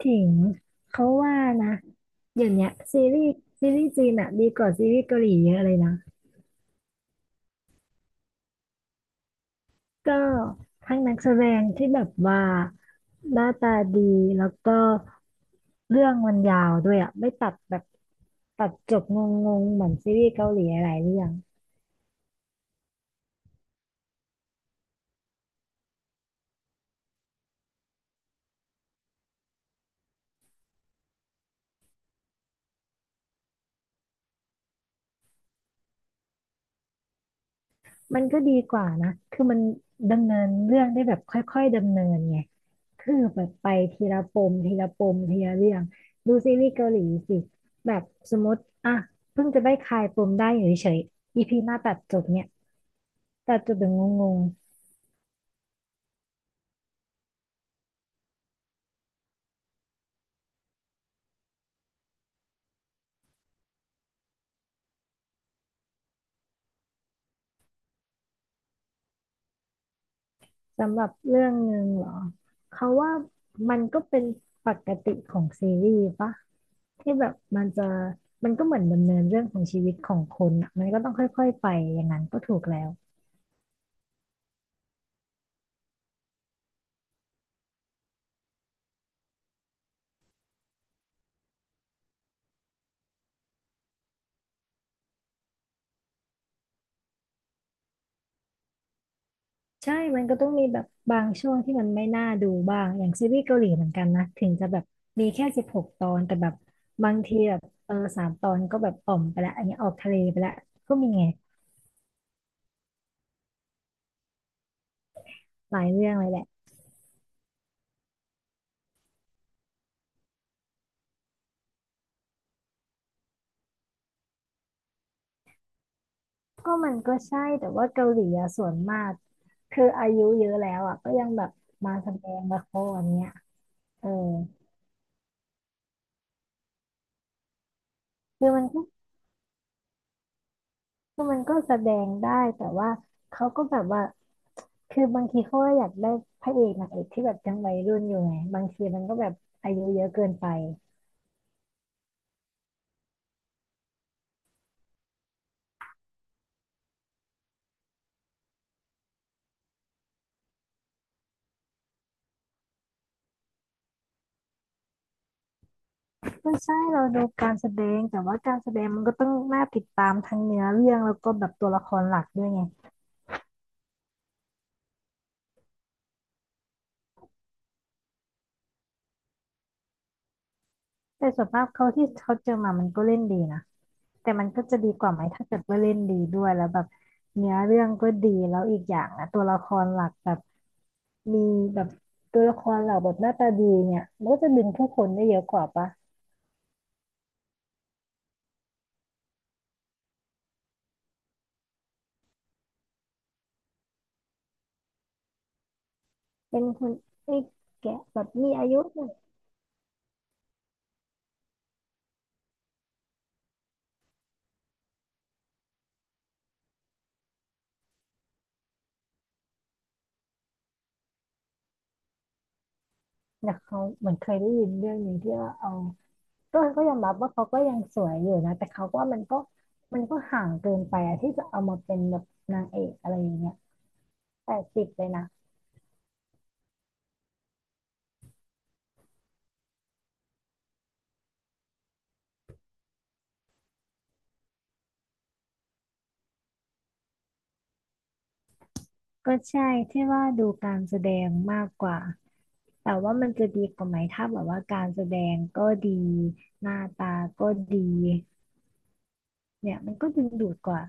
ถึงเขาว่านะเดี๋ยวเนี้ยซีรีส์จีนอะดีกว่าซีรีส์เกาหลีเยอะเลยนะก็ทั้งนักแสดงที่แบบว่าหน้าตาดีแล้วก็เรื่องมันยาวด้วยอะไม่ตัดแบบตัดจบงงๆเหมือนซีรีส์เกาหลีหลายเรื่อง มันก็ดีกว่านะคือมันดำเนินเรื่องได้แบบค่อยๆดำเนินไงคือแบบไปทีละปมทีละปมทีละเรื่องดูซีรีส์เกาหลีสิแบบสมมติอ่ะเพิ่งจะได้คลายปมได้อยู่เฉยๆ EP หน้าตัดจบเนี่ยตัดจบแบบงงๆสำหรับเรื่องหนึ่งเหรอเขาว่ามันก็เป็นปกติของซีรีส์ปะที่แบบมันจะมันก็เหมือนดำเนินเรื่องของชีวิตของคนอ่ะมันก็ต้องค่อยๆไปอย่างนั้นก็ถูกแล้ว ใช่มันก็ต้องมีแบบบางช่วงที่มันไม่น่าดูบ้าง อย่างซีรีส์เกาหลีเหมือนกันนะ ถึงจะแบบมีแค่สิบหกตอน แต่แบบบางทีแบบสามตอนก็แบบอ่อมไปละอันนี้ออกทะเลไปละก็มีไงหลายเรื่องเลยแหละมันก็ใช่แต่ว่าเกาหลีอะส่วนมากคืออายุเยอะแล้วอ่ะก็ยังแบบมาแสดงละครเนี้ยเออคือมันก็คือมันก็แสดงได้แต่ว่าเขาก็แบบว่า คือบางทีเขาก็อยากได้พระเอกนางเอกที่แบบยังวัยรุ่นอยู่ไงบางทีมันก็แบบอายุเยอะเกินไปไม่ใช่เราดูการแสดงแต่ว่าการแสดงมันก็ต้องน่าติดตามทั้งเนื้อเรื่องแล้วก็แบบตัวละครหลักด้วยไงแต่ส่วนมากเขาที่เขาเจอมามันก็เล่นดีนะแต่มันก็จะดีกว่าไหมถ้าเกิดว่าเล่นดีด้วยแล้วแบบเนื้อเรื่องก็ดีแล้วอีกอย่างนะตัวละครหลักแบบมีแบบตัวละครหลักแบบหน้าตาดีเนี่ยมันก็จะดึงผู้คนได้เยอะกว่าปะเป็นคนไอ้แกะแบบมีอายุหน่อย แต่เขาเหมือนเคยได้ยินเรื่องนี้ที่ว่าเอาก็ยอมรับว่าเขาก็ยังสวยอยู่นะแต่เขาก็ว่ามันก็ห่างเกินไปอะที่จะเอามาเป็นแบบนางเอกอะไรอย่างเงี้ยแปดสิบเลยนะก็ใช่ที่ว่าดูการแสดงมากกว่าแต่ว่ามันจะดีกว่าไหมถ้าแบบว่าการแสดงก็ดีหน้าตาก็ดีเนี่ยมันก็ดึงดูดกว่า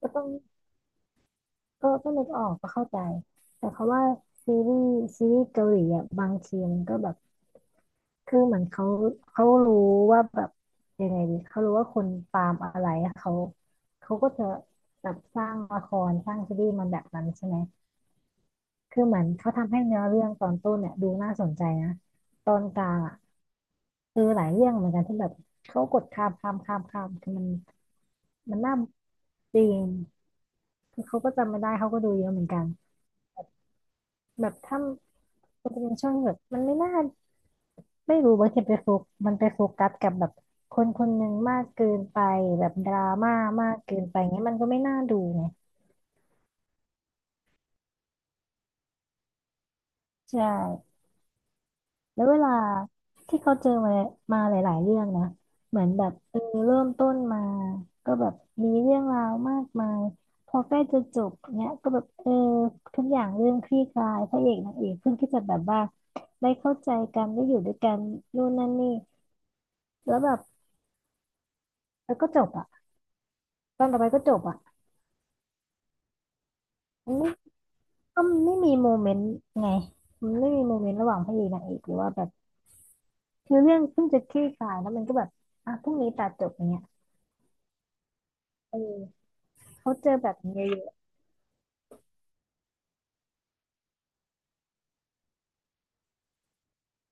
ก็ต้องก็นึกออกก็เข้าใจ แต่เขาว่าซีรีส์ซีรีส์เกาหลีอ่ะบางทีมันก็แบบ คือเหมือนเขารู้ว่าแบบยังไงดีเขารู้ว่าคนตามอะไรเขาเขาก็จะแบบสร้างละครสร้างซีรีส์มันแบบนั้นใช่ไหมคือเหมือนเขาทำให้เนื้อเรื่องตอนต้นเนี่ยดูน่าสนใจนะตอนกลางอ่ะคือหลายเรื่องเหมือนกันที่แบบเขากดข้ามคือมันมันน่าจริงคือเขาก็จำไม่ได้เขาก็ดูเยอะเหมือนกันแบบถ้ามันจะเป็นช่วงที่แบบมันไม่น่า ไม่รู้บางทีไปโฟกมันไปโฟกัสกับแบบคนคนหนึ่งมากเกินไปแบบดราม่ามากเกินไปเงี้ยมันก็ไม่น่าดูไงใช่แล้วเวลาที่เขาเจอมามาหลายๆเรื่องนะเหมือนแบบเริ่มต้นมาก็แบบมีเรื่องราวมากมายพอใกล้จะจบเนี้ยก็แบบทุกอย่างเริ่มคลี่คลายพระเอกนางเอกเพิ่งที่จะแบบว่าได้เข้าใจกันได้อยู่ด้วยกันนู่นนั่นนี่แล้วแบบแล้วก็จบอ่ะตอนต่อไปก็จบอ่ะ ก็มันไม่มีโมเมนต์ไงมันไม่มีโมเมนต์ระหว่างพระเอกนางเอกหรือว่าแบบคือเรื่องเพิ่งจะคลี่คลายแล้วมันก็แบบอ่ะพรุ่งนี้ตัดจบอย่างเงี้ยเออเขาเจอแบบนี้เยอะ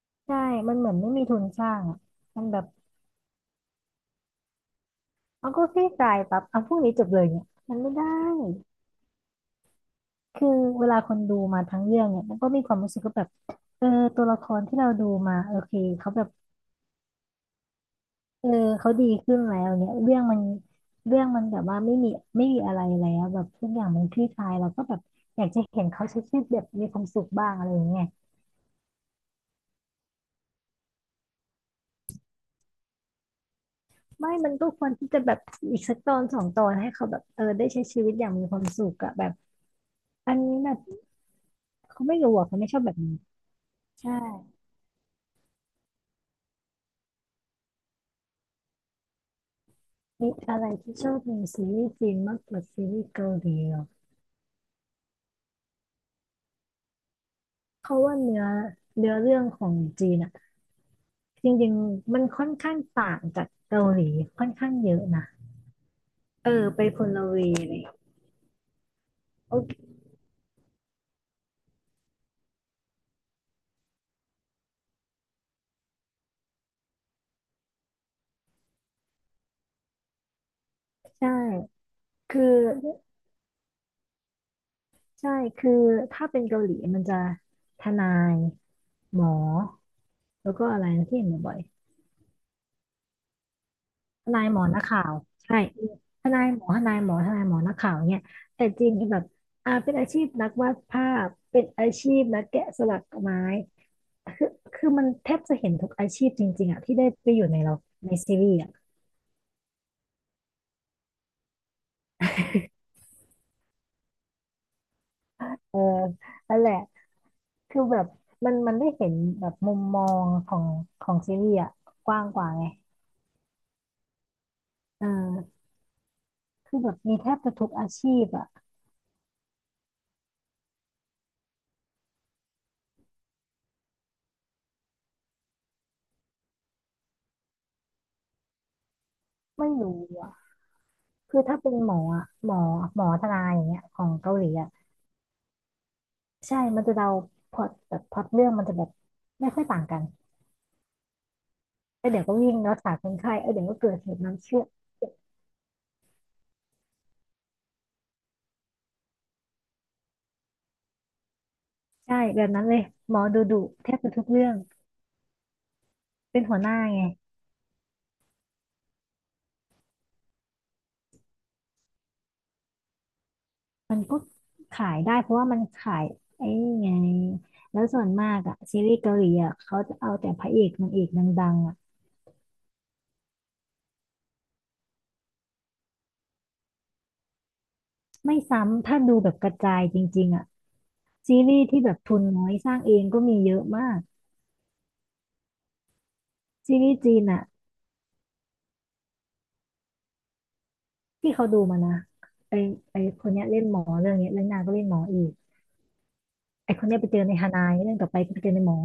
ๆใช่มันเหมือนไม่มีทุนสร้างอ่ะมันแบบเอาก็คลี่คลายปั๊บเอาพรุ่งนี้จบเลยเนี่ยมันไม่ได้คือเวลาคนดูมาทั้งเรื่องเนี่ยมันก็มีความรู้สึกก็แบบเออตัวละครที่เราดูมาโอเคเขาแบบ เออเขาดีขึ้นแล้วเนี่ยเรื่องมันแบบว่าไม่มีอะไรแล้วแบบทุกอย่างมันคลี่คลายเราก็แบบอยากจะเห็นเขาใช้ชีวิตแบบมีความสุขบ้างอะไรอย่างเงี้ยไม่มันก็ควรที่จะแบบอีกสักตอนสองตอนให้เขาแบบเออได้ใช้ชีวิตอย่างมีความสุขอะแบบอันนี้แบบเขาไม่รู้อะเขาไม่ชอบแบบนี้ใช่มีอะไรที่ชอบในซีรีส์จีนมากกว่าซีรีส์เกาหลีเหรอเพราะว่าเนื้อเรื่องของจีนอะจริงๆมันค่อนข้างต่างจากเกาหลีค่อนข้างเยอะนะ เออไปคนละเวเลยโอเคใช่คือใช่คือถ้าเป็นเกาหลีมันจะทนายหมอแล้วก็อะไรนะที่เห็นบ่อยๆทนายหมอนักข่าวใช่ทนายหมอทนายหมอทนายหมอนักข่าวเนี่ยแต่จริงแบบเป็นอาชีพนักวาดภาพเป็นอาชีพนักแกะสลักไม้คือคือมันแทบจะเห็นทุกอาชีพจริงๆอ่ะที่ได้ไปอยู่ในเราในซีรีส์อ่ะเออนั่นแหละ คือแบบมันได้เห็นแบบมุมมองของของซีรีส์อะกว้างกว่าไงเออคือแบบมีแทบจะทุกอาชีพอะไม่รู้อะคือถ้าเป็นหมออะหมอทนายอย่างเงี้ยของเกาหลีอะใช่มันจะเดาพล็อตแบบพล็อตเรื่องมันจะแบบไม่ค่อยต่างกันเออเดี๋ยวก็วิ่งรักษาคนไข้เออเดี๋ยวก็เกิดเหตุน้ำเชื่อมใช่แบบนั้นเลยหมอดูดุแทบจะทุกเรื่องเป็นหัวหน้าไง มันก็ขายได้เพราะว่ามันขายไอ้นี่ไงแล้วส่วนมากอะซีรีส์เกาหลีอะเขาจะเอาแต่พระเอกนางเอกดังๆอะไม่ซ้ำถ้าดูแบบกระจายจริงๆอะซีรีส์ที่แบบทุนน้อยสร้างเองก็มีเยอะมากซีรีส์จีนอะที่เขาดูมานะไอไอคนเนี้ยเล่นหมอเรื่องเนี้ยเล่นนางก็เล่นหมออีกไอคนเนี้ยไปเจอในฮานายเรื่องต่อไปก็ไปเจอในหมอ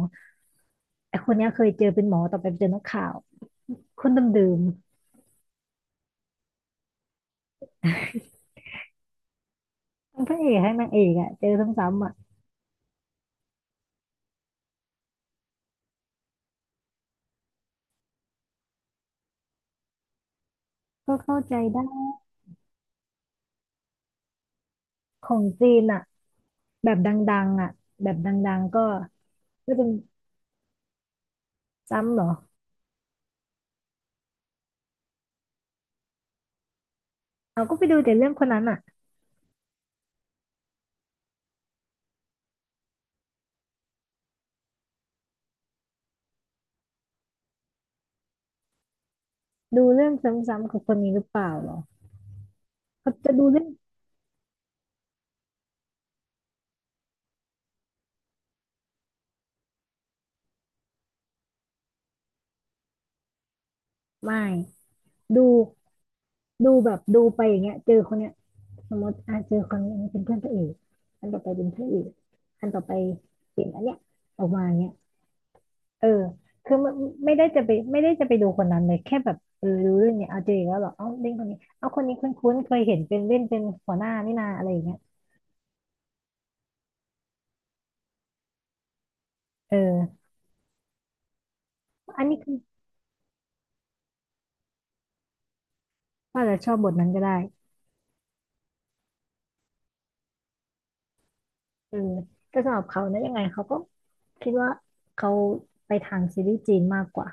ไอคนเนี้ยเคยเจอเป็นหมอต่อไปไปเจอนักข่าวคนเดิมๆทั้งพระเอกทั้งนางเอกอะเจอซ้ำๆอะก็เข้าใจได้ของจีนอะ แบบดังๆอ่ะแบบดังๆก็เป็นซ้ำเหรอเราก็ไปดูแต่เรื่องคนนั้นอ่ะดูเรื่องซ้ำๆของคนนี้หรือเปล่าเหรอเขาจะดูเรื่องไม่ดูดูแบบดูไปอย่างเงี้ยเจอคนเนี้ยสมมติอ่ะเจอคนนี้อันนี้เป็นเพื่อนพระเอกอันต่อไปเป็นพระเอกอันต่อไปเป็นอันเนี้ยออกมาอย่างเงี้ยเออคือไม่ไม่ได้จะไปไม่ได้จะไปดูคนนั้นเลยแค่แบบเออดูเรื่องเนี้ยเอาเจออีกแล้วเหรอเอ้าเล่นคนนี้เอาคนนี้คุ้นๆเคยเห็นเป็นเล่นเป็นหัวหน้านี่นาอะไรอย่างเงี้ยเอออันนี้คือ ก็อาจจะชอบบทนั้นก็ได้เออแต่สำหรับเขานะยังไงเขาก็คิดว่าเขาไปทางซีรีส์จีนมากกว่า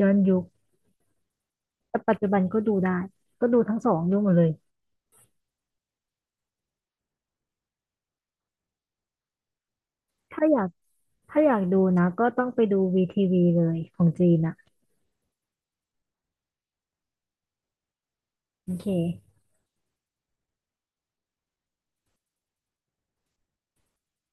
ย้อนยุคแต่ปัจจุบันก็ดูได้ ก็ดูทั้งสองดูหมดเลย ถ้าอยากถ้าอยากดูนะก็ต้องไปดูวีทีวีเลยของจีนอ่ะโอเค